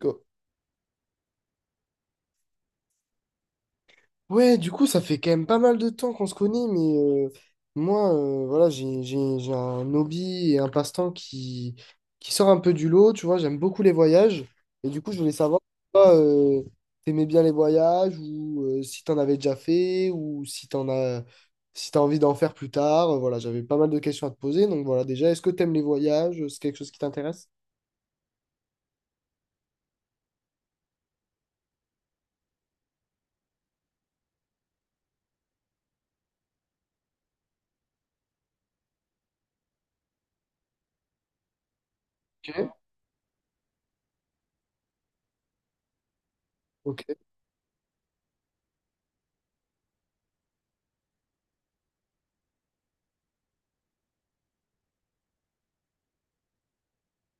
Quoi. Ouais, du coup, ça fait quand même pas mal de temps qu'on se connaît, mais moi, voilà, j'ai un hobby et un passe-temps qui sort un peu du lot, tu vois, j'aime beaucoup les voyages, et du coup, je voulais savoir si toi, t'aimais bien les voyages, ou si t'en avais déjà fait, ou si t'as envie d'en faire plus tard. Voilà, j'avais pas mal de questions à te poser, donc voilà, déjà, est-ce que t'aimes les voyages? C'est quelque chose qui t'intéresse? Ok, ok,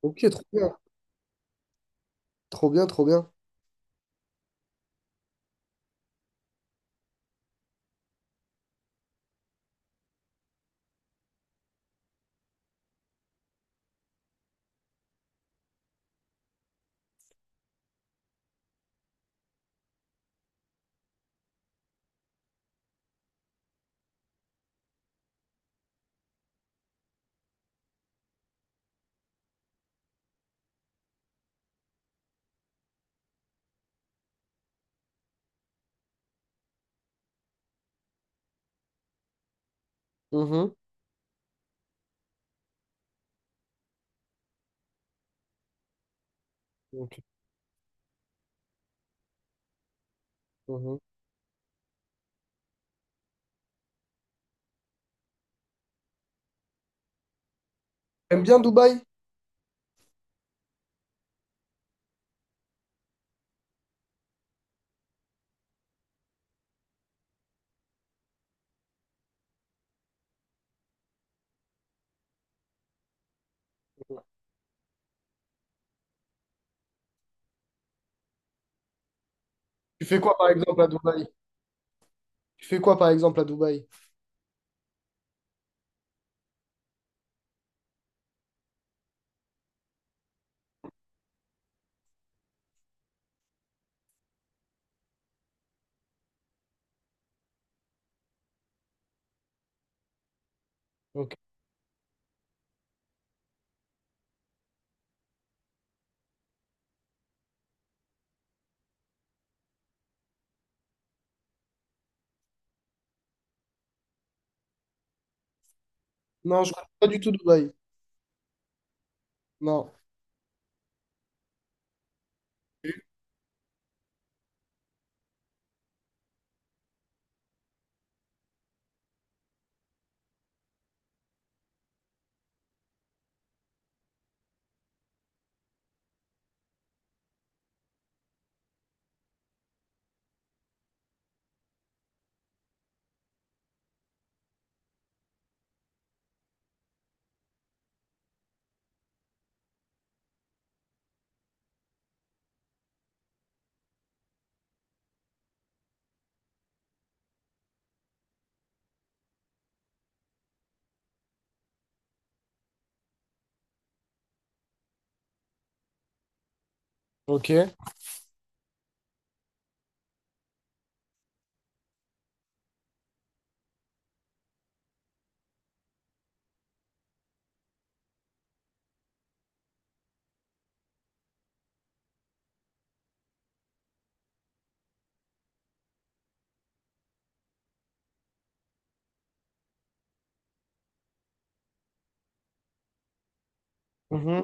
ok, trop bien, trop bien, trop bien. Mhm. Ok. Mhm. T'aimes bien Dubaï? Tu fais quoi par exemple à Dubaï? Tu fais quoi par exemple à Dubaï? Ok. Non, je connais pas du tout Dubaï. Non. Ok. Mhm.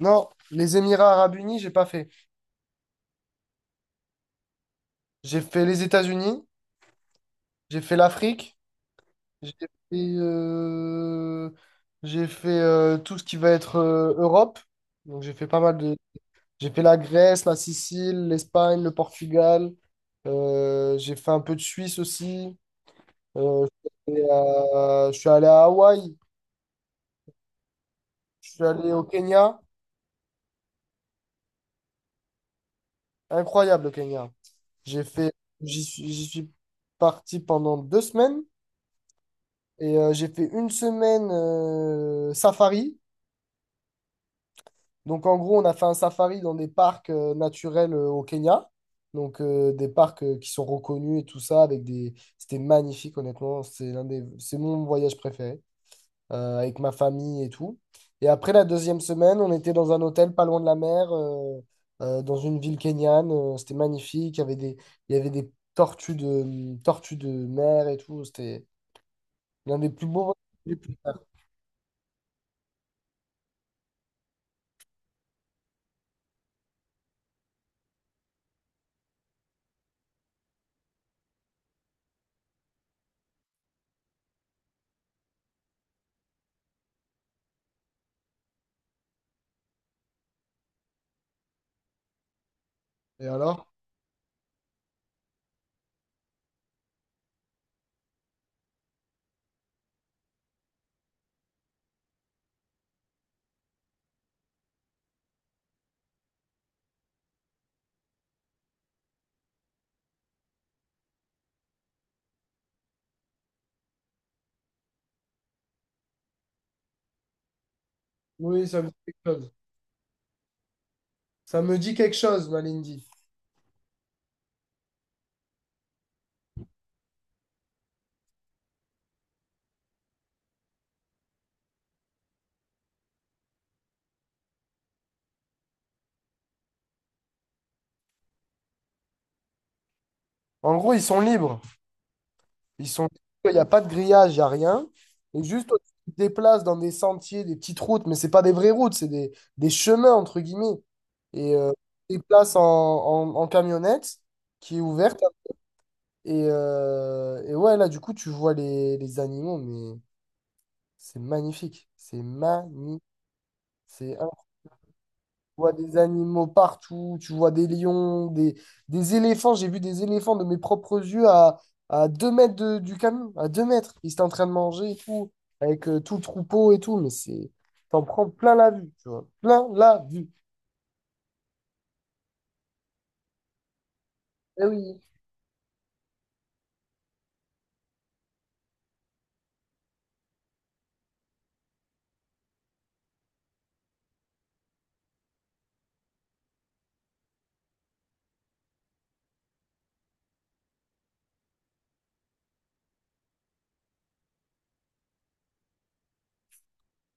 Non, les Émirats Arabes Unis, j'ai pas fait. J'ai fait les États-Unis, j'ai fait l'Afrique, j'ai fait, euh, j'ai fait tout ce qui va être Europe. Donc j'ai fait pas mal de. J'ai fait la Grèce, la Sicile, l'Espagne, le Portugal. J'ai fait un peu de Suisse aussi. Euh, je suis allé à Hawaï. Je suis allé au Kenya. Incroyable, le Kenya. J'ai fait, j'y suis parti pendant 2 semaines et j'ai fait une semaine safari. Donc, en gros, on a fait un safari dans des parcs naturels au Kenya. Donc, des parcs qui sont reconnus et tout ça avec des, c'était magnifique, honnêtement. C'est mon voyage préféré. Avec ma famille et tout. Et après la deuxième semaine, on était dans un hôtel pas loin de la mer, dans une ville kenyane. C'était magnifique. Il y avait des tortues de mer et tout. C'était l'un des plus beaux voyages que j'ai pu faire. Et alors? Oui, ça me dit quelque chose. Ça me dit quelque chose, Malindi. En gros, ils sont libres. Ils sont, il n'y a pas de grillage, il n'y a rien. Et juste, tu te déplaces dans des sentiers, des petites routes, mais c'est pas des vraies routes, c'est des chemins, entre guillemets. Et tu te déplaces en camionnette qui est ouverte. Et ouais, là, du coup, tu vois les animaux, mais c'est magnifique. C'est magnifique. C'est Tu vois des animaux partout, tu vois des lions, des éléphants. J'ai vu des éléphants de mes propres yeux à, 2 mètres du camion, à 2 mètres. Ils étaient en train de manger et tout, avec tout le troupeau et tout. T'en prends plein la vue, tu vois. Plein la vue. Eh oui.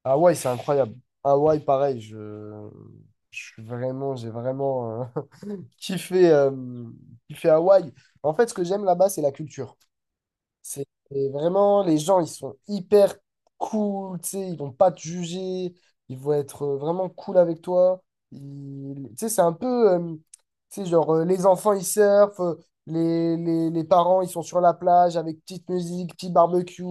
Hawaï, c'est incroyable. Hawaï, pareil, je suis vraiment, j'ai vraiment kiffé, euh, kiffé Hawaï. En fait, ce que j'aime là-bas, c'est la culture. C'est et vraiment, les gens, ils sont hyper cool, tu sais, ils vont pas te juger, ils vont être vraiment cool avec toi. Tu sais, c'est un peu, tu sais, genre, les enfants, ils surfent, les parents, ils sont sur la plage avec petite musique, petit barbecue.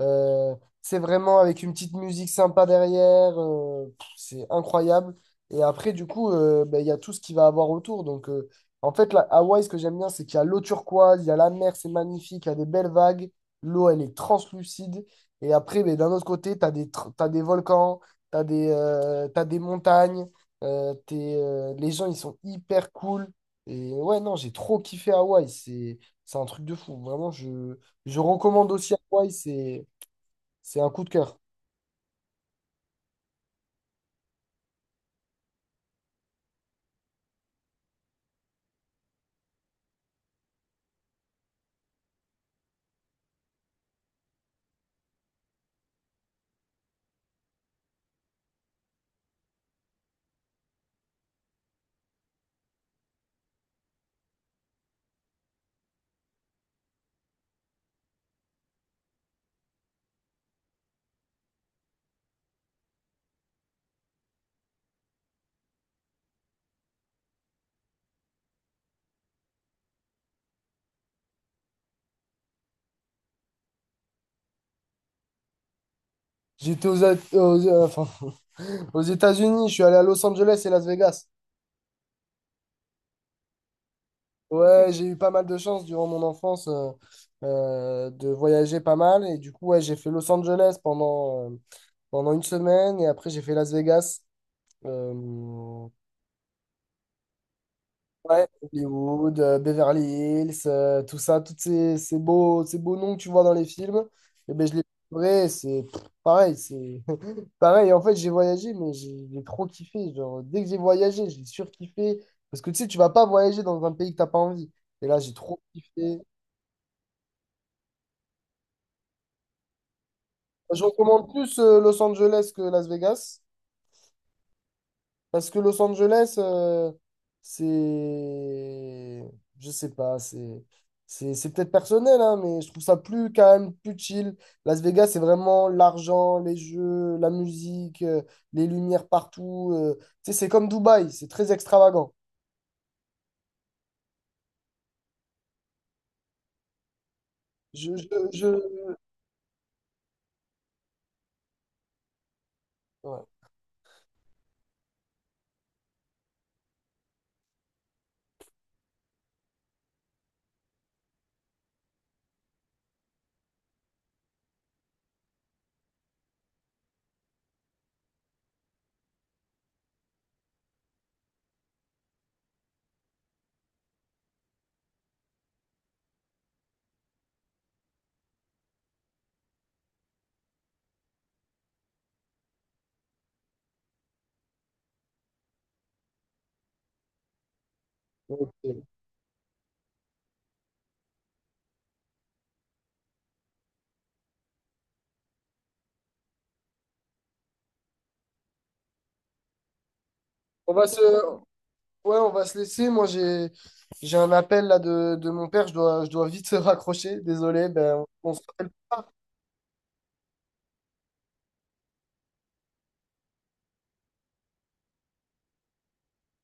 euh, c'est vraiment avec une petite musique sympa derrière, pff, c'est incroyable. Et après, du coup, ben, il y a tout ce qui va avoir autour. Donc, en fait, la Hawaï, ce que j'aime bien, c'est qu'il y a l'eau turquoise, il y a la mer, c'est magnifique, il y a des belles vagues, l'eau, elle est translucide. Et après, mais d'un autre côté, tu as des, tr- t'as des volcans, t'as des montagnes, les gens, ils sont hyper cool. Et ouais, non, j'ai trop kiffé Hawaï, c'est un truc de fou. Vraiment, je recommande aussi Hawaï, c'est un coup de cœur. J'étais aux, A- aux, enfin, aux États-Unis, je suis allé à Los Angeles et Las Vegas. Ouais, j'ai eu pas mal de chance durant mon enfance de voyager pas mal. Et du coup, ouais, j'ai fait Los Angeles pendant une semaine. Et après, j'ai fait Las Vegas. Euh, ouais, Hollywood, Beverly Hills, tout ça, ces beaux noms que tu vois dans les films. Et ben, je les vrai, c'est pff, pareil. C'est pareil. En fait, j'ai voyagé, mais j'ai trop kiffé. Genre, dès que j'ai voyagé, j'ai surkiffé. Parce que tu sais, tu vas pas voyager dans un pays que t'as pas envie. Et là, j'ai trop kiffé. Je recommande plus Los Angeles que Las Vegas. Parce que Los Angeles, c'est. Je sais pas, c'est. C'est peut-être personnel, hein, mais je trouve ça plus calme, plus chill. Las Vegas, c'est vraiment l'argent, les jeux, la musique, les lumières partout. Tu sais, c'est comme Dubaï, c'est très extravagant. Je, je, je- ouais. Ok. On va se, Ouais, on va se laisser. Moi, j'ai un appel là de mon père. Je dois vite se raccrocher. Désolé, ben, on se rappelle pas.